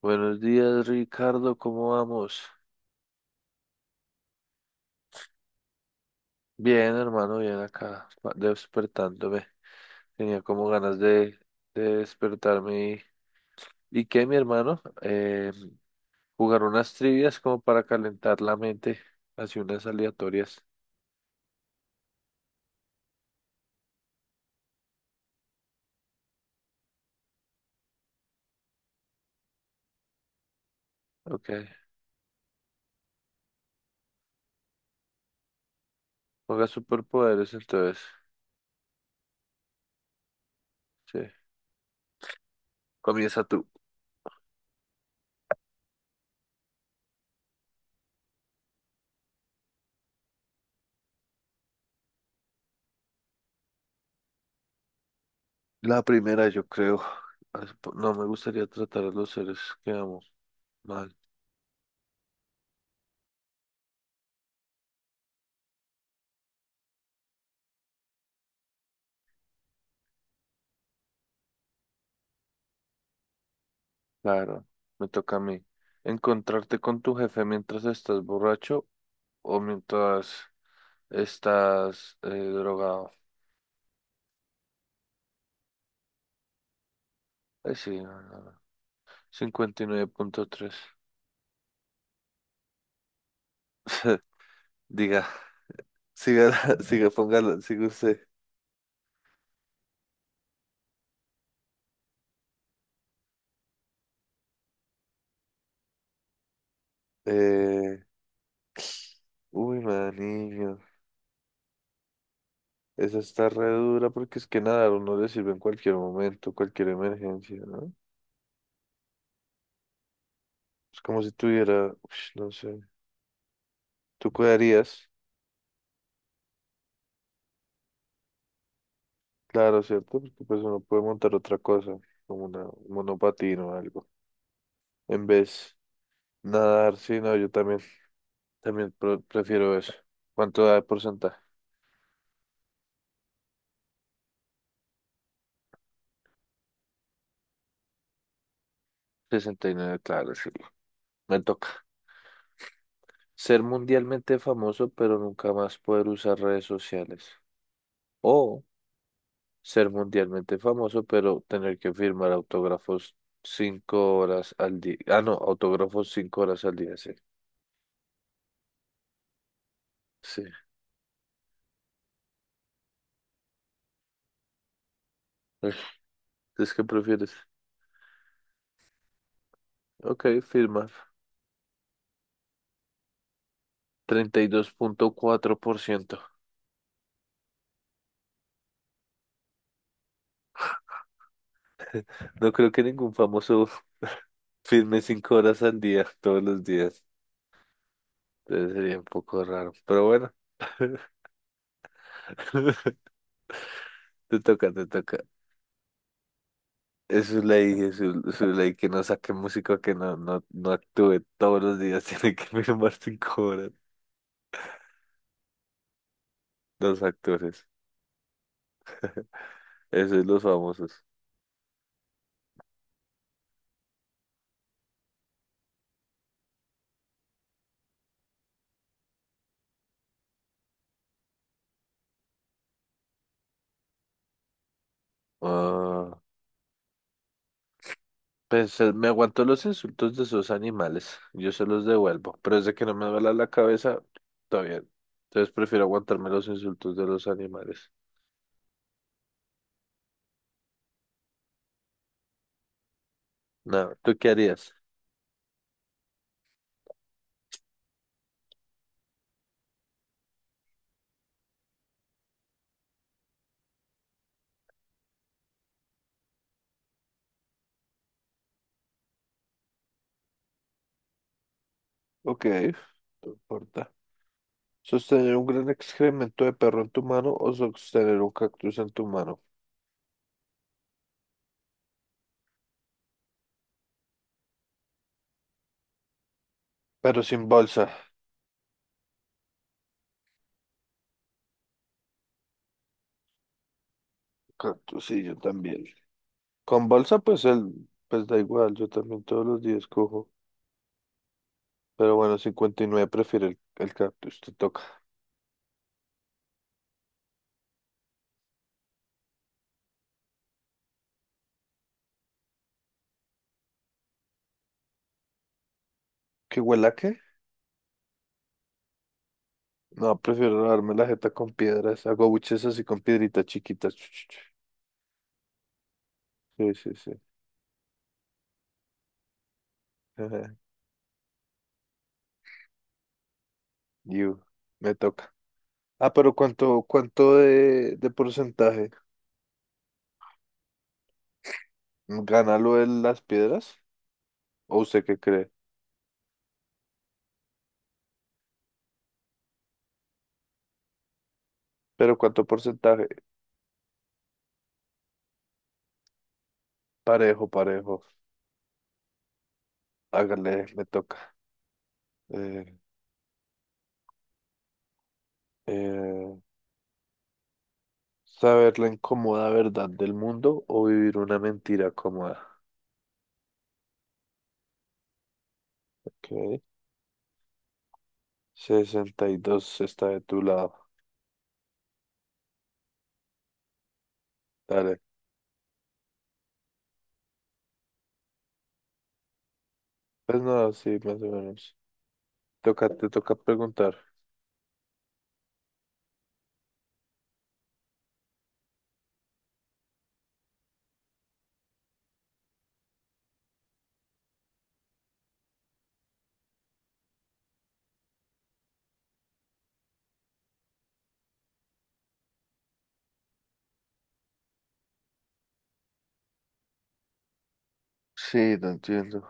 Buenos días, Ricardo, ¿cómo vamos? Bien, hermano, bien acá, despertándome. Tenía como ganas de despertarme. ¿Y qué, mi hermano? Jugar unas trivias como para calentar la mente, así unas aleatorias. Ok, juega superpoderes entonces. Sí, comienza tú. La primera, yo creo. No me gustaría tratar a los seres que amo mal. Claro, me toca a mí. ¿Encontrarte con tu jefe mientras estás borracho o mientras estás drogado? Ay, sí, no, no, no. 59,3. Diga, siga, siga, póngala, siga usted. Eh, Uy, maniño. Esa está re dura porque es que nadar uno le sirve en cualquier momento, cualquier emergencia, ¿no? Es como si tuviera, ush, no sé. ¿Tú cuidarías? Claro, ¿cierto? Porque pues uno puede montar otra cosa, como un monopatín o algo. En vez nadar, sí, no, yo también. También prefiero eso. ¿Cuánto da de porcentaje? 69, claro, sí. Me toca. Ser mundialmente famoso, pero nunca más poder usar redes sociales. O ser mundialmente famoso, pero tener que firmar autógrafos 5 horas al día. Ah, no, autógrafos 5 horas al día, sí. Sí. Ugh, ¿es que prefieres? Ok, firmar. 32,4%. No creo que ningún famoso firme 5 horas al día, todos los días. Entonces sería un poco raro, pero bueno. Te toca, te toca. Es su ley, es su ley que no saque músico, que no, no, no actúe todos los días, tiene que firmar 5 horas. Los actores, eso es los famosos. Ah, pues me aguanto los insultos de esos animales, yo se los devuelvo, pero desde que no me duela la cabeza, está bien. Entonces prefiero aguantarme los insultos de los animales. No, ¿tú qué harías? Ok, no importa. Sostener un gran excremento de perro en tu mano o sostener un cactus en tu mano, pero sin bolsa. Cactus, sí, yo también. Con bolsa, pues da igual, yo también todos los días cojo. Pero bueno, 59 prefiere el cactus, te toca. ¿Qué huela a qué? No, prefiero darme la jeta con piedras. Hago buches así con piedritas chiquitas. Chu, chu, chu. Sí, sí, sí. Ajá. You, me toca. Ah, pero ¿cuánto de porcentaje? ¿Gana lo de las piedras? ¿O usted qué cree? Pero ¿cuánto porcentaje? Parejo, parejo. Hágale, me toca. Eh, eh, Saber la incómoda verdad del mundo o vivir una mentira cómoda. Ok. 62 está de tu lado. Dale. Pues nada, sí, más o menos. Te toca preguntar. Sí, no entiendo.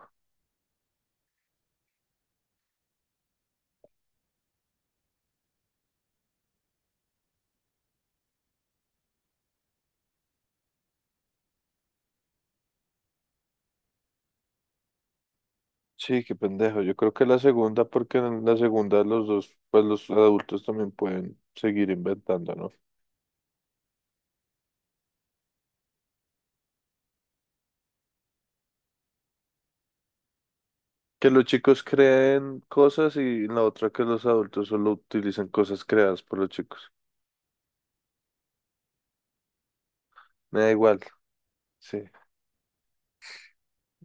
Sí, qué pendejo. Yo creo que la segunda, porque en la segunda los dos, pues los adultos también pueden seguir inventando, ¿no? Que los chicos creen cosas y la otra que los adultos solo utilizan cosas creadas por los chicos. Me da igual. Sí,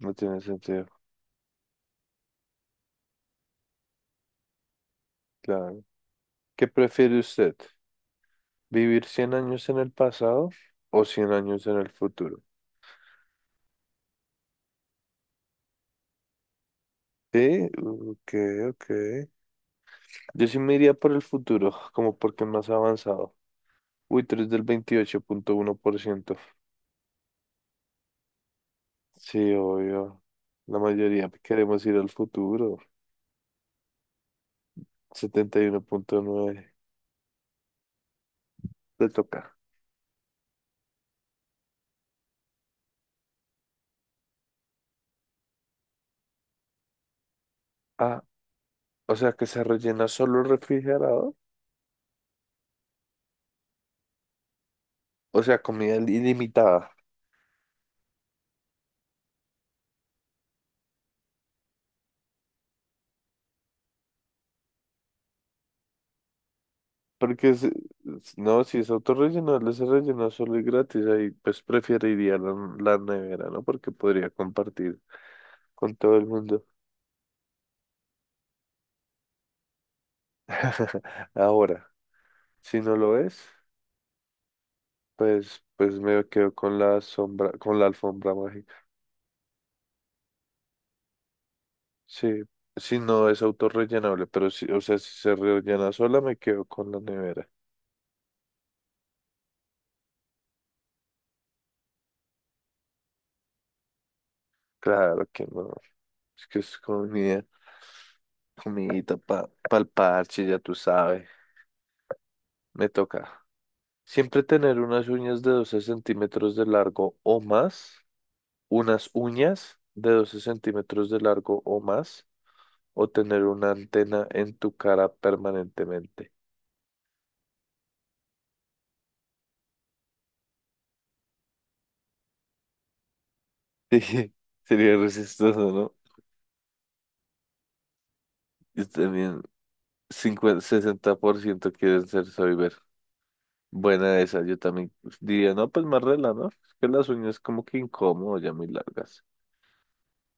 no tiene sentido. Claro. ¿Qué prefiere usted? ¿Vivir 100 años en el pasado o 100 años en el futuro? Sí, ok, ok. Yo sí me iría por el futuro, como porque es más avanzado. Uy, tres del 28,1%. Sí, obvio. La mayoría queremos ir al futuro. 71,9. Le toca. Ah, o sea, que se rellena solo el refrigerador. O sea, comida ilimitada. Porque no, si es autorrellenable, se rellena solo y gratis. Ahí pues preferiría la nevera, ¿no? Porque podría compartir con todo el mundo. Ahora, si no lo es, pues, me quedo con la sombra, con la alfombra mágica. Sí, si no es autorrellenable, pero si, o sea, si se rellena sola, me quedo con la nevera. Claro que no. Es que es comida. Comidita para el parche, ya tú sabes. Me toca. Siempre tener unas uñas de 12 centímetros de largo o más. Unas uñas de 12 centímetros de largo o más. O tener una antena en tu cara permanentemente. Sí, sería resistoso, ¿no? Yo también, 50, 60% quieren ser soyber. Buena esa, yo también diría, no, pues más rela, ¿no? Es que las uñas como que incómodo, ya muy largas.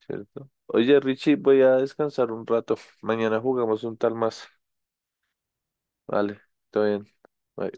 ¿Cierto? Oye, Richie, voy a descansar un rato. Mañana jugamos un tal más. Vale, todo bien. Bye.